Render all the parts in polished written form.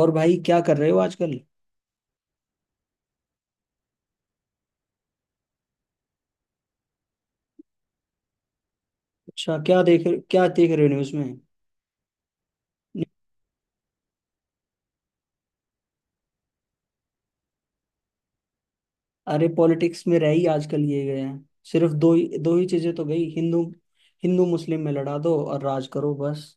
और भाई क्या कर रहे हो आजकल? अच्छा, क्या देख रहे हो न्यूज में? अरे, पॉलिटिक्स में रह ही आजकल ये गए हैं, सिर्फ दो ही चीजें तो, गई हिंदू। हिंदू मुस्लिम में लड़ा दो और राज करो, बस।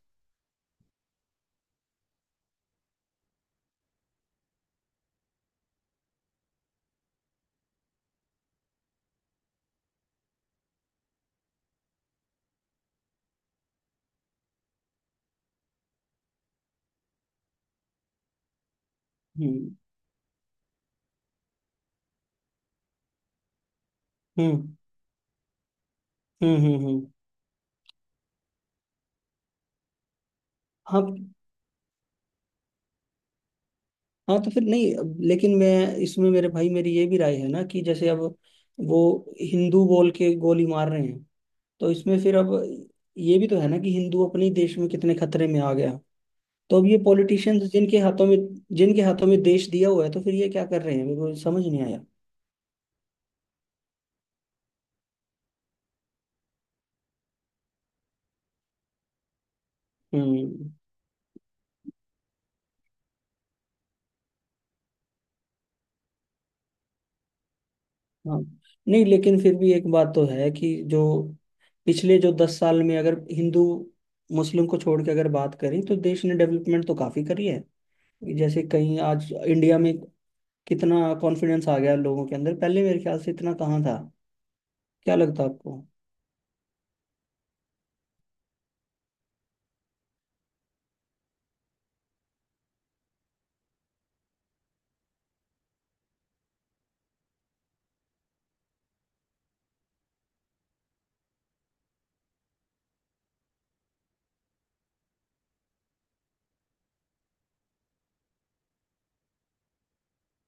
हम्म। हम्म। हम्म। हम्म। हम्म। हाँ। हाँ, तो फिर नहीं लेकिन मैं इसमें, मेरे भाई, मेरी ये भी राय है ना कि जैसे अब वो हिंदू बोल के गोली मार रहे हैं, तो इसमें फिर अब ये भी तो है ना कि हिंदू अपने ही देश में कितने खतरे में आ गया। तो अब ये पॉलिटिशियंस जिनके हाथों में देश दिया हुआ है, तो फिर ये क्या कर रहे हैं, मेरे को समझ नहीं आया। हम्म। हाँ, नहीं, लेकिन फिर भी एक बात तो है कि जो पिछले जो 10 साल में अगर हिंदू मुस्लिम को छोड़ के अगर बात करें, तो देश ने डेवलपमेंट तो काफी करी है। जैसे कहीं आज इंडिया में कितना कॉन्फिडेंस आ गया लोगों के अंदर, पहले मेरे ख्याल से इतना कहाँ था। क्या लगता है आपको?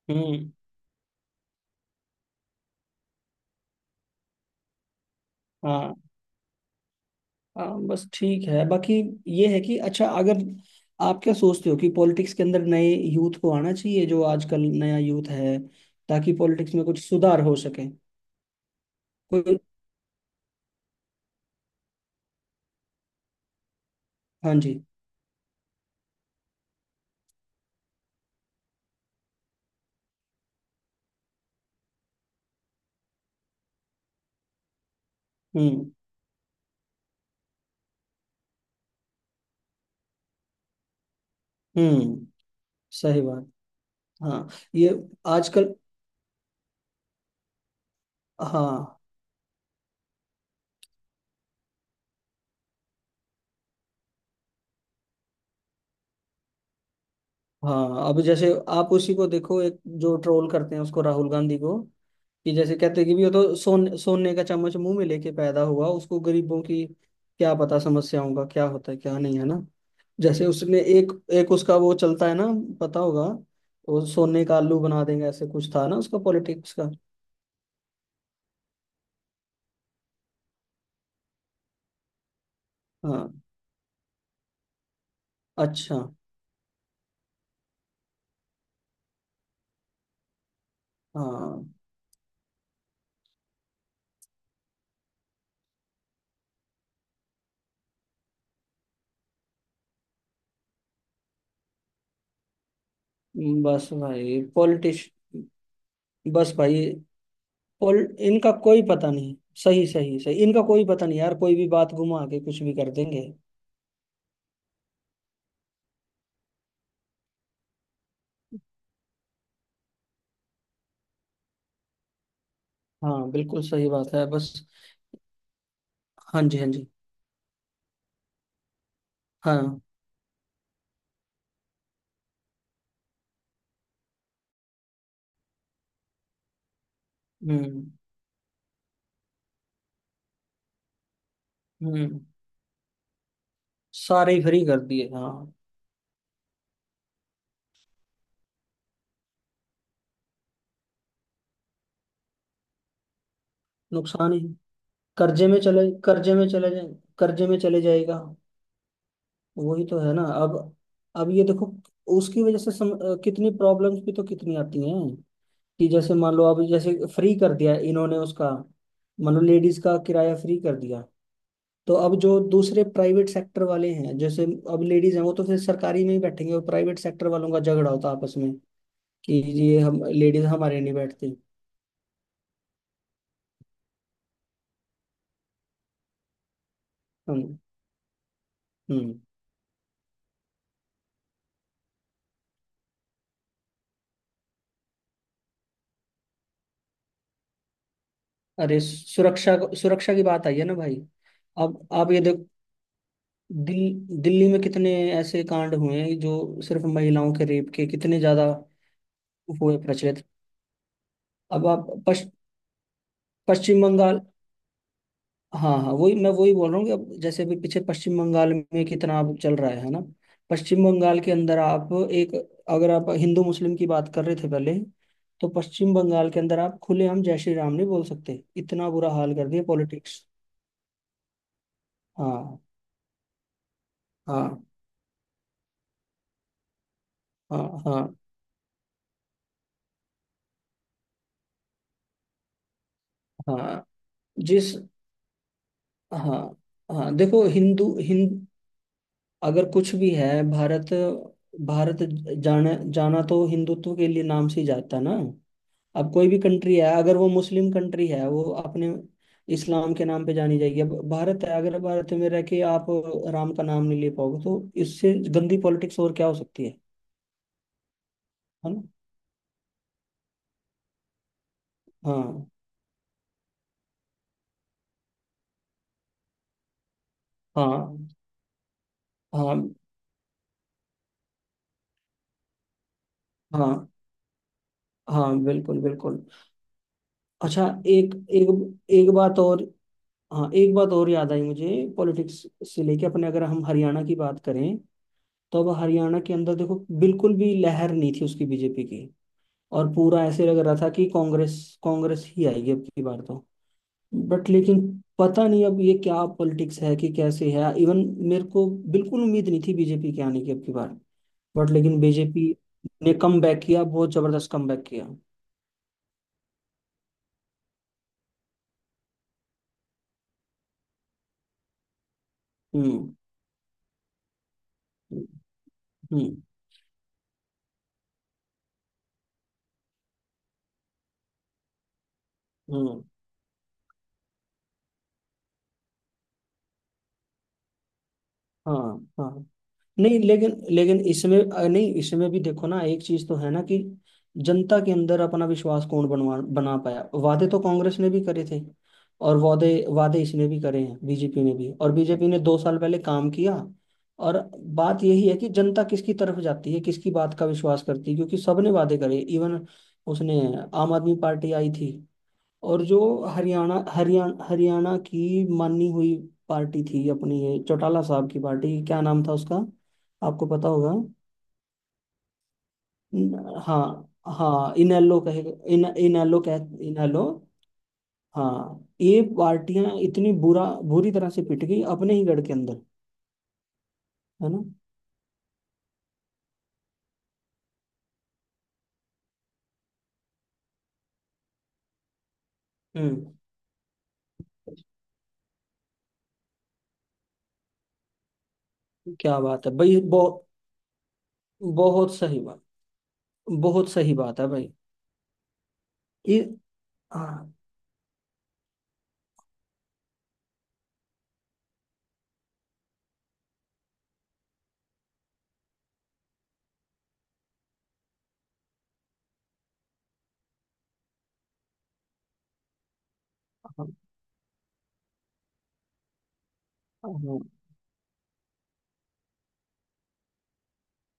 हम्म। हाँ। हाँ, बस ठीक है। बाकी ये है कि अच्छा, अगर आप क्या सोचते हो कि पॉलिटिक्स के अंदर नए यूथ को आना चाहिए, जो आजकल नया यूथ है, ताकि पॉलिटिक्स में कुछ सुधार हो सके। कोई। हाँ जी। हम्म। हम्म। सही बात। हाँ, ये आजकल। हाँ। हाँ, अब जैसे आप उसी को देखो, एक जो ट्रोल करते हैं उसको, राहुल गांधी को, कि जैसे कहते हैं कि भी वो तो सोने का चम्मच मुंह में लेके पैदा हुआ, उसको गरीबों की क्या पता समस्याओं का, क्या होता है क्या नहीं, है ना। जैसे उसने एक एक, उसका वो चलता है ना, पता होगा, वो सोने का आलू बना देंगे, ऐसे कुछ था ना उसका पॉलिटिक्स का। हाँ। अच्छा। हाँ। बस भाई पॉलिटिश बस भाई, और इनका कोई पता नहीं। सही, सही, सही, इनका कोई पता नहीं यार, कोई भी बात घुमा के कुछ भी कर देंगे। हाँ, बिल्कुल सही बात है। बस। हाँ जी, हाँ जी। हाँ। हम्म। हम्म। सारे ही फ्री कर दिए, हाँ। नुकसान ही। कर्जे में चले कर्जे में चले जाए कर्जे में चले जाएगा। वही तो है ना अब। अब ये देखो, उसकी वजह से कितनी प्रॉब्लम्स भी तो कितनी आती हैं, कि जैसे मान लो अब जैसे फ्री कर दिया इन्होंने उसका, मान लो लेडीज का किराया फ्री कर दिया, तो अब जो दूसरे प्राइवेट सेक्टर वाले हैं, जैसे अब लेडीज हैं वो तो फिर सरकारी में ही बैठेंगे, और प्राइवेट सेक्टर वालों का झगड़ा होता है आपस में कि ये हम, लेडीज हमारे नहीं बैठती। हम हम्म। अरे सुरक्षा, सुरक्षा की बात आई है ना भाई। अब आप ये देख, दिल्ली में कितने ऐसे कांड हुए हैं, जो सिर्फ महिलाओं के रेप के, कितने ज्यादा हुए प्रचलित। अब आप पश्चिम बंगाल। हाँ, हाँ, वही मैं वही बोल रहा हूँ कि अब जैसे अभी पीछे पश्चिम बंगाल में कितना अब चल रहा है ना। पश्चिम बंगाल के अंदर आप एक अगर आप हिंदू मुस्लिम की बात कर रहे थे पहले, तो पश्चिम बंगाल के अंदर आप खुलेआम जय श्री राम नहीं बोल सकते, इतना बुरा हाल कर दिया पॉलिटिक्स। हाँ, हाँ, हाँ, हाँ, हाँ। जिस हाँ, हाँ, देखो हिंदू हिंद अगर कुछ भी है भारत भारत जाना जाना तो हिंदुत्व के लिए नाम से ही जाता है ना। अब कोई भी कंट्री है, अगर वो मुस्लिम कंट्री है, वो अपने इस्लाम के नाम पे जानी जाएगी। अब भारत है, अगर भारत में रह के आप राम का नाम नहीं ले पाओगे, तो इससे गंदी पॉलिटिक्स और क्या हो सकती है ना। हाँ, हाँ, हाँ, हाँ, हाँ, बिल्कुल, बिल्कुल। अच्छा, एक एक एक बात और। हाँ, एक बात और याद आई मुझे। पॉलिटिक्स से लेके अपने, अगर हम हरियाणा की बात करें, तो अब हरियाणा के अंदर देखो, बिल्कुल भी लहर नहीं थी उसकी, बीजेपी की। और पूरा ऐसे लग रहा था कि कांग्रेस कांग्रेस ही आएगी अब की बार तो। बट लेकिन पता नहीं अब ये क्या पॉलिटिक्स है कि कैसे है, इवन मेरे को बिल्कुल उम्मीद नहीं थी बीजेपी के आने की अब की बार। बट लेकिन बीजेपी ने कम बैक किया, बहुत जबरदस्त कम बैक किया। हम्म। हम्म। हम्म। हाँ। हाँ, नहीं, लेकिन लेकिन इसमें नहीं, इसमें भी देखो ना, एक चीज तो है ना कि जनता के अंदर अपना विश्वास कौन बनवा बना पाया। वादे तो कांग्रेस ने भी करे थे, और वादे वादे इसने भी करे हैं, बीजेपी ने भी, और बीजेपी ने 2 साल पहले काम किया, और बात यही है कि जनता किसकी तरफ जाती है, किसकी बात का विश्वास करती है, क्योंकि सबने वादे करे। इवन उसने आम आदमी पार्टी आई थी, और जो हरियाणा हरियाणा हरियाणा की मानी हुई पार्टी थी अपनी, ये चौटाला साहब की पार्टी, क्या नाम था उसका, आपको पता होगा। हाँ, हाँ, इनेलो कहे। इन इनेलो कह इनेलो। हाँ, ये पार्टियां इतनी बुरा बुरी तरह से पिट गई अपने ही गढ़ के अंदर, है ना। हम्म। क्या बात है भाई, बहुत बहुत सही बात, बहुत सही बात है भाई। ये। हाँ, हाँ, हाँ,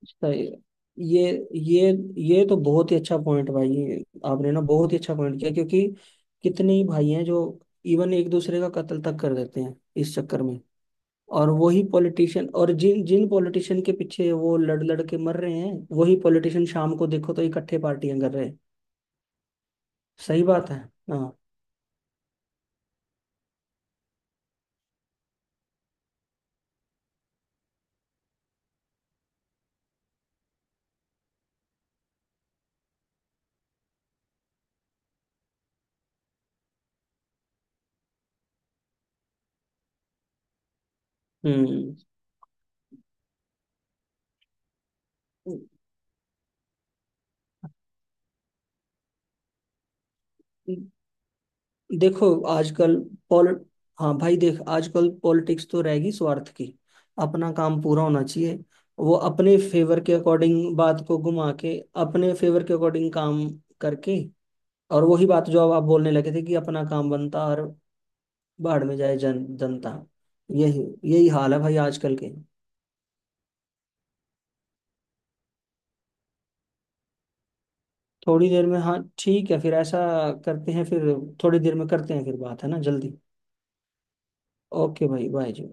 सही है। ये ये ये तो बहुत ही अच्छा पॉइंट भाई। ये, आपने ना बहुत ही अच्छा पॉइंट किया, क्योंकि कितने ही भाई हैं जो इवन एक दूसरे का कत्ल तक कर देते हैं इस चक्कर में। और वही पॉलिटिशियन, और जिन जिन पॉलिटिशियन के पीछे वो लड़ लड़ के मर रहे हैं, वही पॉलिटिशियन शाम को देखो तो इकट्ठे पार्टियां कर रहे हैं। सही बात है। हाँ। हम्म। देखो आजकल पॉल हाँ भाई, देख, आजकल पॉलिटिक्स तो रहेगी स्वार्थ की, अपना काम पूरा होना चाहिए। वो अपने फेवर के अकॉर्डिंग बात को घुमा के, अपने फेवर के अकॉर्डिंग काम करके, और वही बात जो अब आप बोलने लगे थे कि अपना काम बनता, और बाढ़ में जाए जन जनता। यही यही हाल है भाई आजकल के। थोड़ी देर में, हाँ, ठीक है, फिर ऐसा करते हैं फिर, थोड़ी देर में करते हैं फिर, बात, है ना, जल्दी। ओके भाई, बाय जी।